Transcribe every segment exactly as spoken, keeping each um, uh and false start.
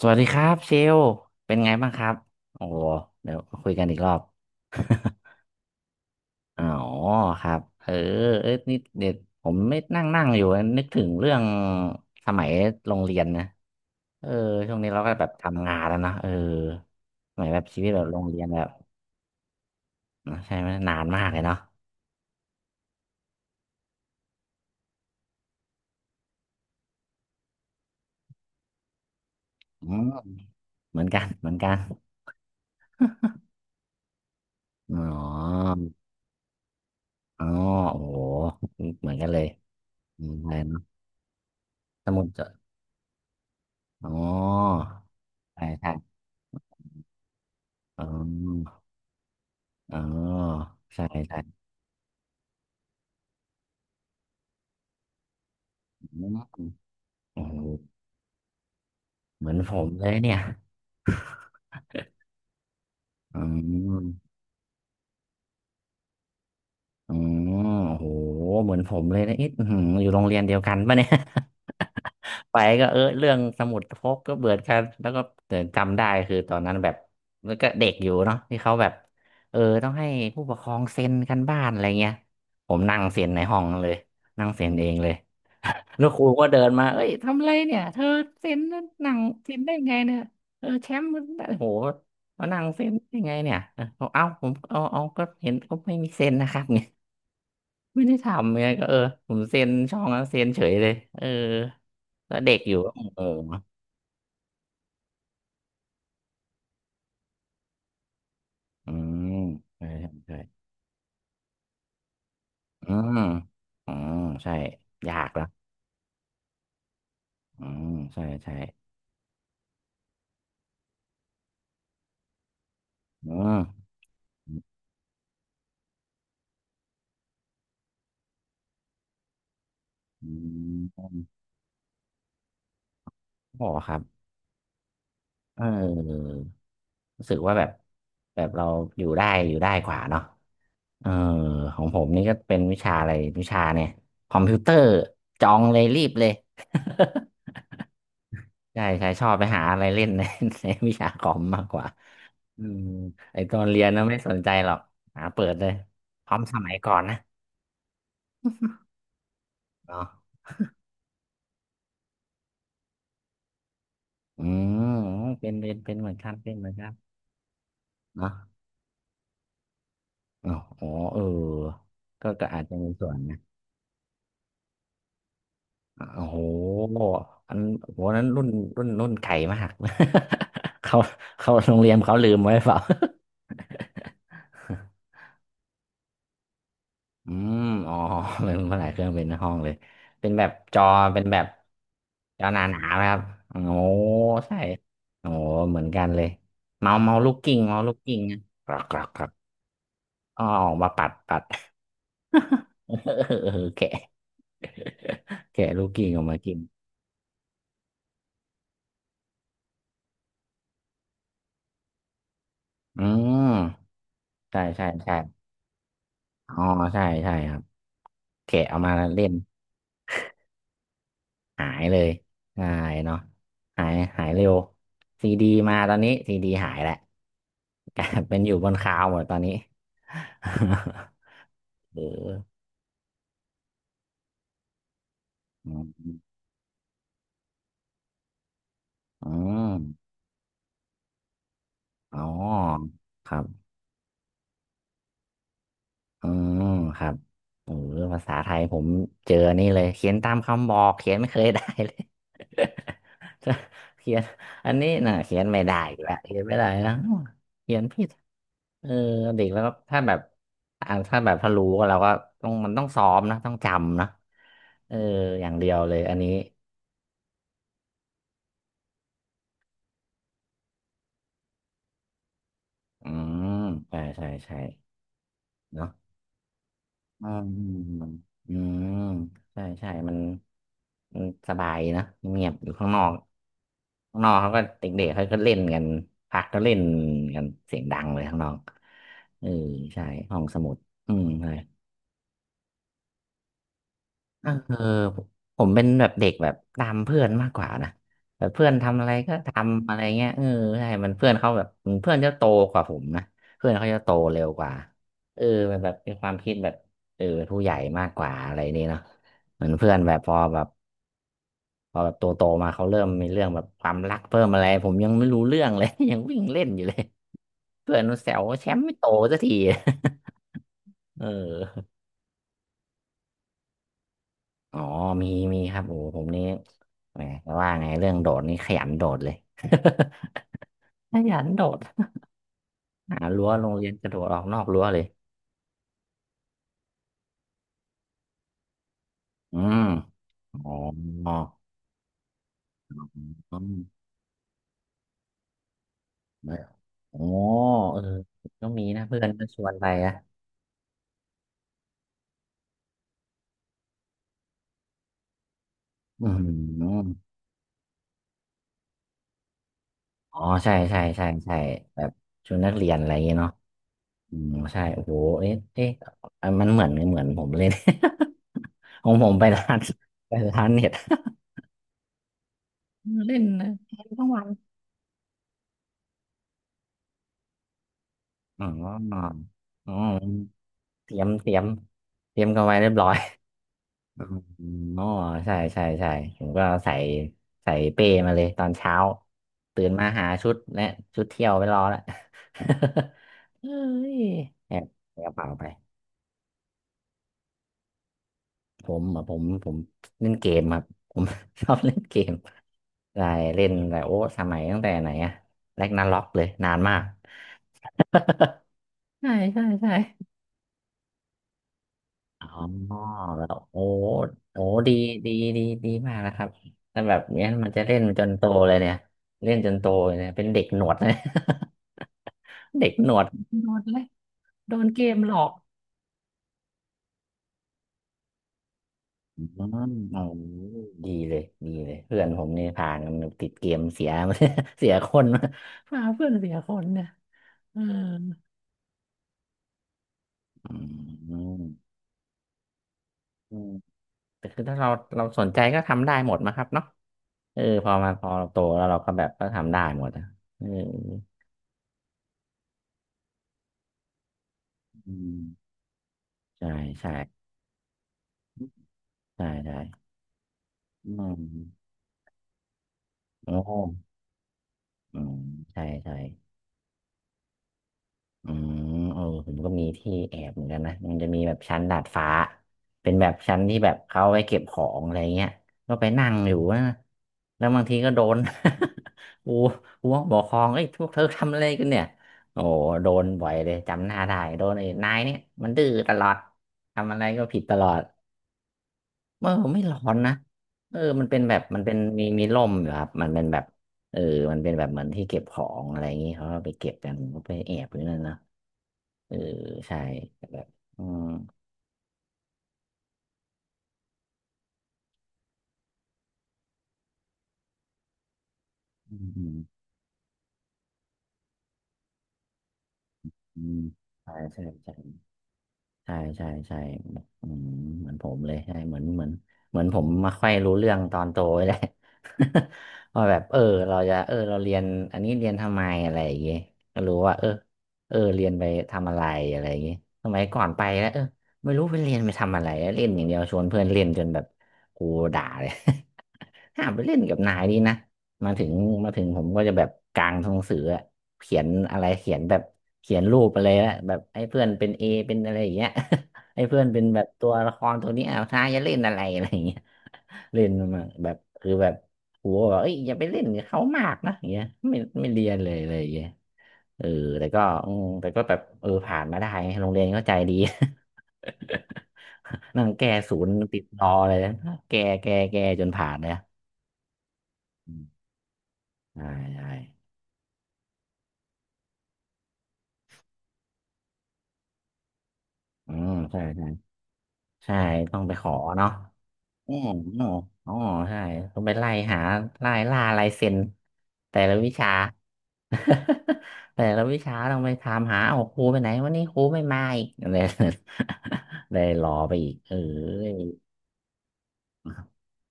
สวัสดีครับเชลเป็นไงบ้างครับโอ้โหเดี๋ยวคุยกันอีกรอบ อ๋อครับเออเอ้ยนี่เด็ดผมไม่นั่งนั่งอยู่นึกถึงเรื่องสมัยโรงเรียนนะเออช่วงนี้เราก็แบบทำงานแล้วเนอะเออสมัยแบบชีวิตแบบโรงเรียนแบบใช่ไหมนานมากเลยเนาะอืมเหมือนกันเหมือนกัน อ๋ออ๋อโอ้โหเหมือนกันเลยอืมอะไรเนาะสมุดจดอ๋อใช่ใช่อ๋อ อ๋อใช่ใช่อืมโอ้โหเหมือนผมเลยเนี่ยอืมอืมโอ้โหเหมือนผมเลยนะเอ๊ะอื้อหืออยู่โรงเรียนเดียวกันปะเนี่ย ไปก็เออเรื่องสมุดพกก็เบื่อกันแล้วก็แต่จำได้คือตอนนั้นแบบแล้วก็เด็กอยู่เนาะที่เขาแบบเออต้องให้ผู้ปกครองเซ็นกันบ้านอะไรเงี้ยผมนั่งเซ็นในห้องเลยนั่งเซ็นเองเลย แล้วครูก็เดินมาเอ้ยทำอะไรเนี่ยเธอเซ็นหนังเซ็นได้ไงเนี่ยเออแชมป์มันได้โหมานั่งเซ็นได้ไงเนี่ยเออเอาเอาผมเอาเอาก็เห็นเขาไม่มีเซ็นนะครับ เนี่ยไม่ได้ทำเนี่ยก็เออผมเซ็นช่องแล้วเซ็นเฉยเลยเออแล้วเด็กอยู่ก็เอออืมใช่ใช่ใช่อืมอืมใช่ยากแล้วอืมใช่ใช่อืมอืมอ๋อครับเออ รู้สึกว่าแบบแบบเราอยู่ได้อยู่ได้กว่าเนาะเออของผมนี่ก็เป็นวิชาอะไรวิชาเนี่ยคอมพิวเตอร์จองเลยรีบเลย ใช่ใช่ชอบไปหาอะไรเล่น ในในวิชาคอมมากกว่าอืมไอตอนเรียนนะไม่สนใจหรอกหาเปิดเลยคอมสมัยก่อนนะเนาะอืมเป็นเป็นเป็นเหมือนกันเป็นเหมือนกันเนาะอ๋อโอ้เออก็ก็อาจจะมีส่วน โอ้โหอันโหนั้นรุ่น รุ่น รุ่นไก่มาก เขาเขาโรงเรียนเขาลืมไว้เปล่า อืมอ๋อเป็นภาษาเครื่องเป็นห้องเลย เป็นแบบจอ เป็นแบบจอหนาๆนะครับโอ้โหใช่โอ้โหเหมือนกันเลยเมาเมาลูกกิ้งเมาลูกกิ้งนะกรอกกรอกกรอกอ๋อออกมาปัดปัด เออแกะแกะลูกกิ้งออกมากินอืมใช่ใช่ใช่อ๋อใช่ใช่ครับ แกะเอามาเล่นหายเลยหายเนาะหายหายเร็ว ซีดีมาตอนนี้ซีดีหายแหละกลายเป็นอยู่บนคลาวด์หมดตอนนี้ เอออืมอมอ๋อครับ อ๋อครับเออภาษาไทยผมเจอนี่เลยเขียนตามคำบอกเขียนไม่เคยได้เลย เขียนอันนี้น่ะเขียนไม่ได้อีกแล้วเขียนไม่ได้นะ้วเขียนผิดเออเด็กแล้วก็ถ้าแบบอ่าถ้าแบบถ้ารู้ก็เราก็ต้องมันต้องซ้อมนะต้องจำนะเอออย่างเดียวเลยอันนี้อืมใช่ใช่ใช่เนาะ อืมอืมอืม ใช่ใช่มันมันสบายนะเงียบอยู่ข้างนอก ข้างนอกเขาก็เด็กๆเขาก็เล่นกันพักก็เล่นกันเสียงดังเลยข้างนอกเออใช่ห้องสมุดอืม ใช่ เออผมเป็นแบบเด็กแบบตามเพื่อนมากกว่านะแบบเพื่อนทำอะไรก็ทำอะไรเงี้ยเออใช่มันเพื่อนเขาแบบเพื่อนจะโตกว่าผมนะเพื่อนเขาจะโตเร็วกว่าเออมันแบบเป็นความคิดแบบเออเป็นผู้ใหญ่มากกว่าอะไรนี่เนาะเหมือนเพื่อนแบบพอแบบพอแบบโตโตมาเขาเริ่มมีเรื่องแบบความรักเพิ่มอะไรผมยังไม่รู้เรื่องเลย ยังวิ่งเล่นอยู่เลยเพื่อนมันแซวว่าแชมป์ไม่โตสักที เออ อ๋อมีมีครับโอ้โหผมนี่แหมจะว่าไงเรื่องโดดนี่ขยันโดดเลย ขยันโดดหารั้วโรงเรียนกระโดดออกนอกรั้วเลยอืมอ๋ออืมโอ้เออก็มีนะเพื่อนก็ชวนไปนะอืมอ๋อใช่ใช่ใช่ใช่แบบชวนนักเรียนอะไรอย่างเงี้ยเนาะอืมใช่โอ้โหเอ๊ะเอ๊ะอันมันเหมือนเหมือนผมเลย ของผมไปร้านไปร้านเน็ต เล่นนะทั้งวัน อ๋ออ๋อเตรียมเตรียมเตรียมกันไว้เรียบร้อยอ๋อใช่ใช่ใช่ผมก็ใส่ใส่เป้มาเลยตอนเช้า ตื่นมาหาชุดและชุดเที่ยวไปรอแล้ว เฮ้ยแอบแอบกระเป๋าไปผมอ่ะผมผมเล่นเกมครับผม ชอบเล่นเกมใช่เล่นแต่โอ้สมัยตั้งแต่ไหนอะแรกนาร็อกเลยนานมากใช่ใช่ใช่ อ๋อแล้วโอ้โอ้ดีดีดีดีมากนะครับถ้าแบบเนี้ยมันจะเล่นจนโตเลยเนี่ยเล่นจนโตเลยเนี่ยเป็นเด็กหนวดเลย เด็กหนวดโดนเลยโดนเกมหลอกอืมโอ้ดีเลยดีเลยเพื่อนผมนี่ผ่านกันติดเกมเสีย เสียคนมาพาเพื่อนเสียคนเนี่ยเอออืมอืมแต่คือถ้าเราเราสนใจก็ทำได้หมดนะครับเนาะเออพอมาพอเราโตแล้วเราก็แบบก็ทำได้หมดอะเออ อืมใช่ใช่ใช่ใช่อืมโอ้อืมใช่ใช่อืมเออผมก็มีที่แอบเหมือนกันนะมันจะมีแบบชั้นดาดฟ้าเป็นแบบชั้นที่แบบเขาไว้เก็บของอะไรเงี้ยก็ไปนั่งอยู่นะแล้วบางทีก็โดน อูอูบอกครองเอ้ยพวกเธอทำอะไรกันเนี่ยโอ้โหโดนบ่อยเลยจำหน้าได้โดนไอ้นายเนี่ยมันดื้อตลอดทำอะไรก็ผิดตลอด เออไม่ร้อนนะเออมันเป็นแบบมันเป็นมีมีร่มอยู่ครับมันเป็นแบบเออมันเป็นแบบเหมือนที่เก็บของอะไรอย่างงี้เขาก็ไปเก็บกันเขาไปแอบอยู่นั่นนะเออใช่แบบอืมอืมอืมอืมใช่ใช่ใช่ ใช่ใช่ใช่อืมเหมือนผมเลยใช่เหมือนเหมือนเหมือนผมมาค่อยรู้เรื่องตอนโตเลย แหละ ว่าแบบเออเราจะเออเราเรียนอันนี้เรียนทำไมอะไรอย่างเงี้ยก็รู้ว่าเออเออเรียนไปทำอะไรอะไรอย่างเงี้ยสมัยก่อนไปแล้วเออไม่รู้ไปเรียนไปทำอะไรเล่นอย่างเดียวชวนเพื่อนเล่นจนแบบกูด่าเลย ห้ามไปเล่นกับนายดีนะมาถึงมาถึงผมก็จะแบบกลางหนังสืออะเขียนอะไรเขียนแบบเขียนรูปอะไรลยอะแบบให้เพื่อนเป็นเอเป็นอะไรอย่างเงี้ย ให้เพื่อนเป็นแบบตัวละครตัวนี้อ้าวนายจะเล่นอะไรอะไรอย่างเงี้ยเล่นมาแบบคือแบบครูบอกเอ้ยอย่าไปเล่นกับเขามากนะอย่างเงี้ยไม่ไม่เรียนเลยเลยอย่างเงี้ยเออแต่ก็อืมแต่ก็แบบเออผ่านมาได้โรงเรียนก็ใจดี นั่งแก้ศูนย์ติดรอเลยนะแก้แก้แก้จนผ่านเลยอะอืมใช่ใช่ อืมใช่ใช่ใช่ต้องไปขอเนาะอืมอ๋ออ๋อใช่ต้องไปไล่หาไล่ล่าลายเซ็นแต่ละวิชา แต่ละวิชาต้องไปถามหาเอาครูไปไหนวันนี้ครูไม่มาอีก อะไร เลยรอไปอีกเออ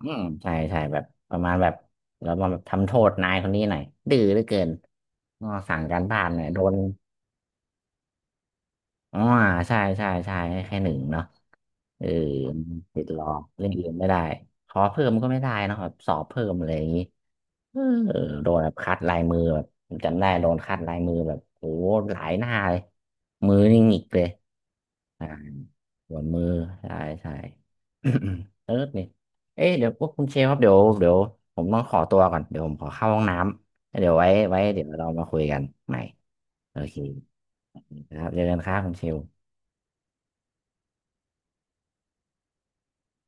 อืมใช่ใช่แบบประมาณแบบเรามาแบบทำโทษนายคนนี้หน่อยดื้อเหลือเกินก็สั่งการบ้านหน่อยโดน อ๋อใช่ใช่ใช่ให้แค่หนึ่งเนาะเออติดรอเล่นเกมไม่ได้ขอเพิ่มก็ไม่ได้เนอะแบบสอบเพิ่มอะไรอย่างนี้เออโดนแบบคัดลายมือแบบผมจำได้โดนคัดลายมือแบบโอ้หลายหน้าเลยมือนี่หงิกเลยอ่าปวดมือใช่ใช่ เออเนี่ยเอ๊ะเดี๋ยวพวกคุณเชฟครับเดี๋ยวเดี๋ยวผมต้องขอตัวก่อนเดี๋ยวผมขอเข้าห้องน้ำแล้วเดี๋ยวไว้ไว้เดี๋ยวเรามาคุยกันใหม่โอเคครับเจอกันครับคุณเชล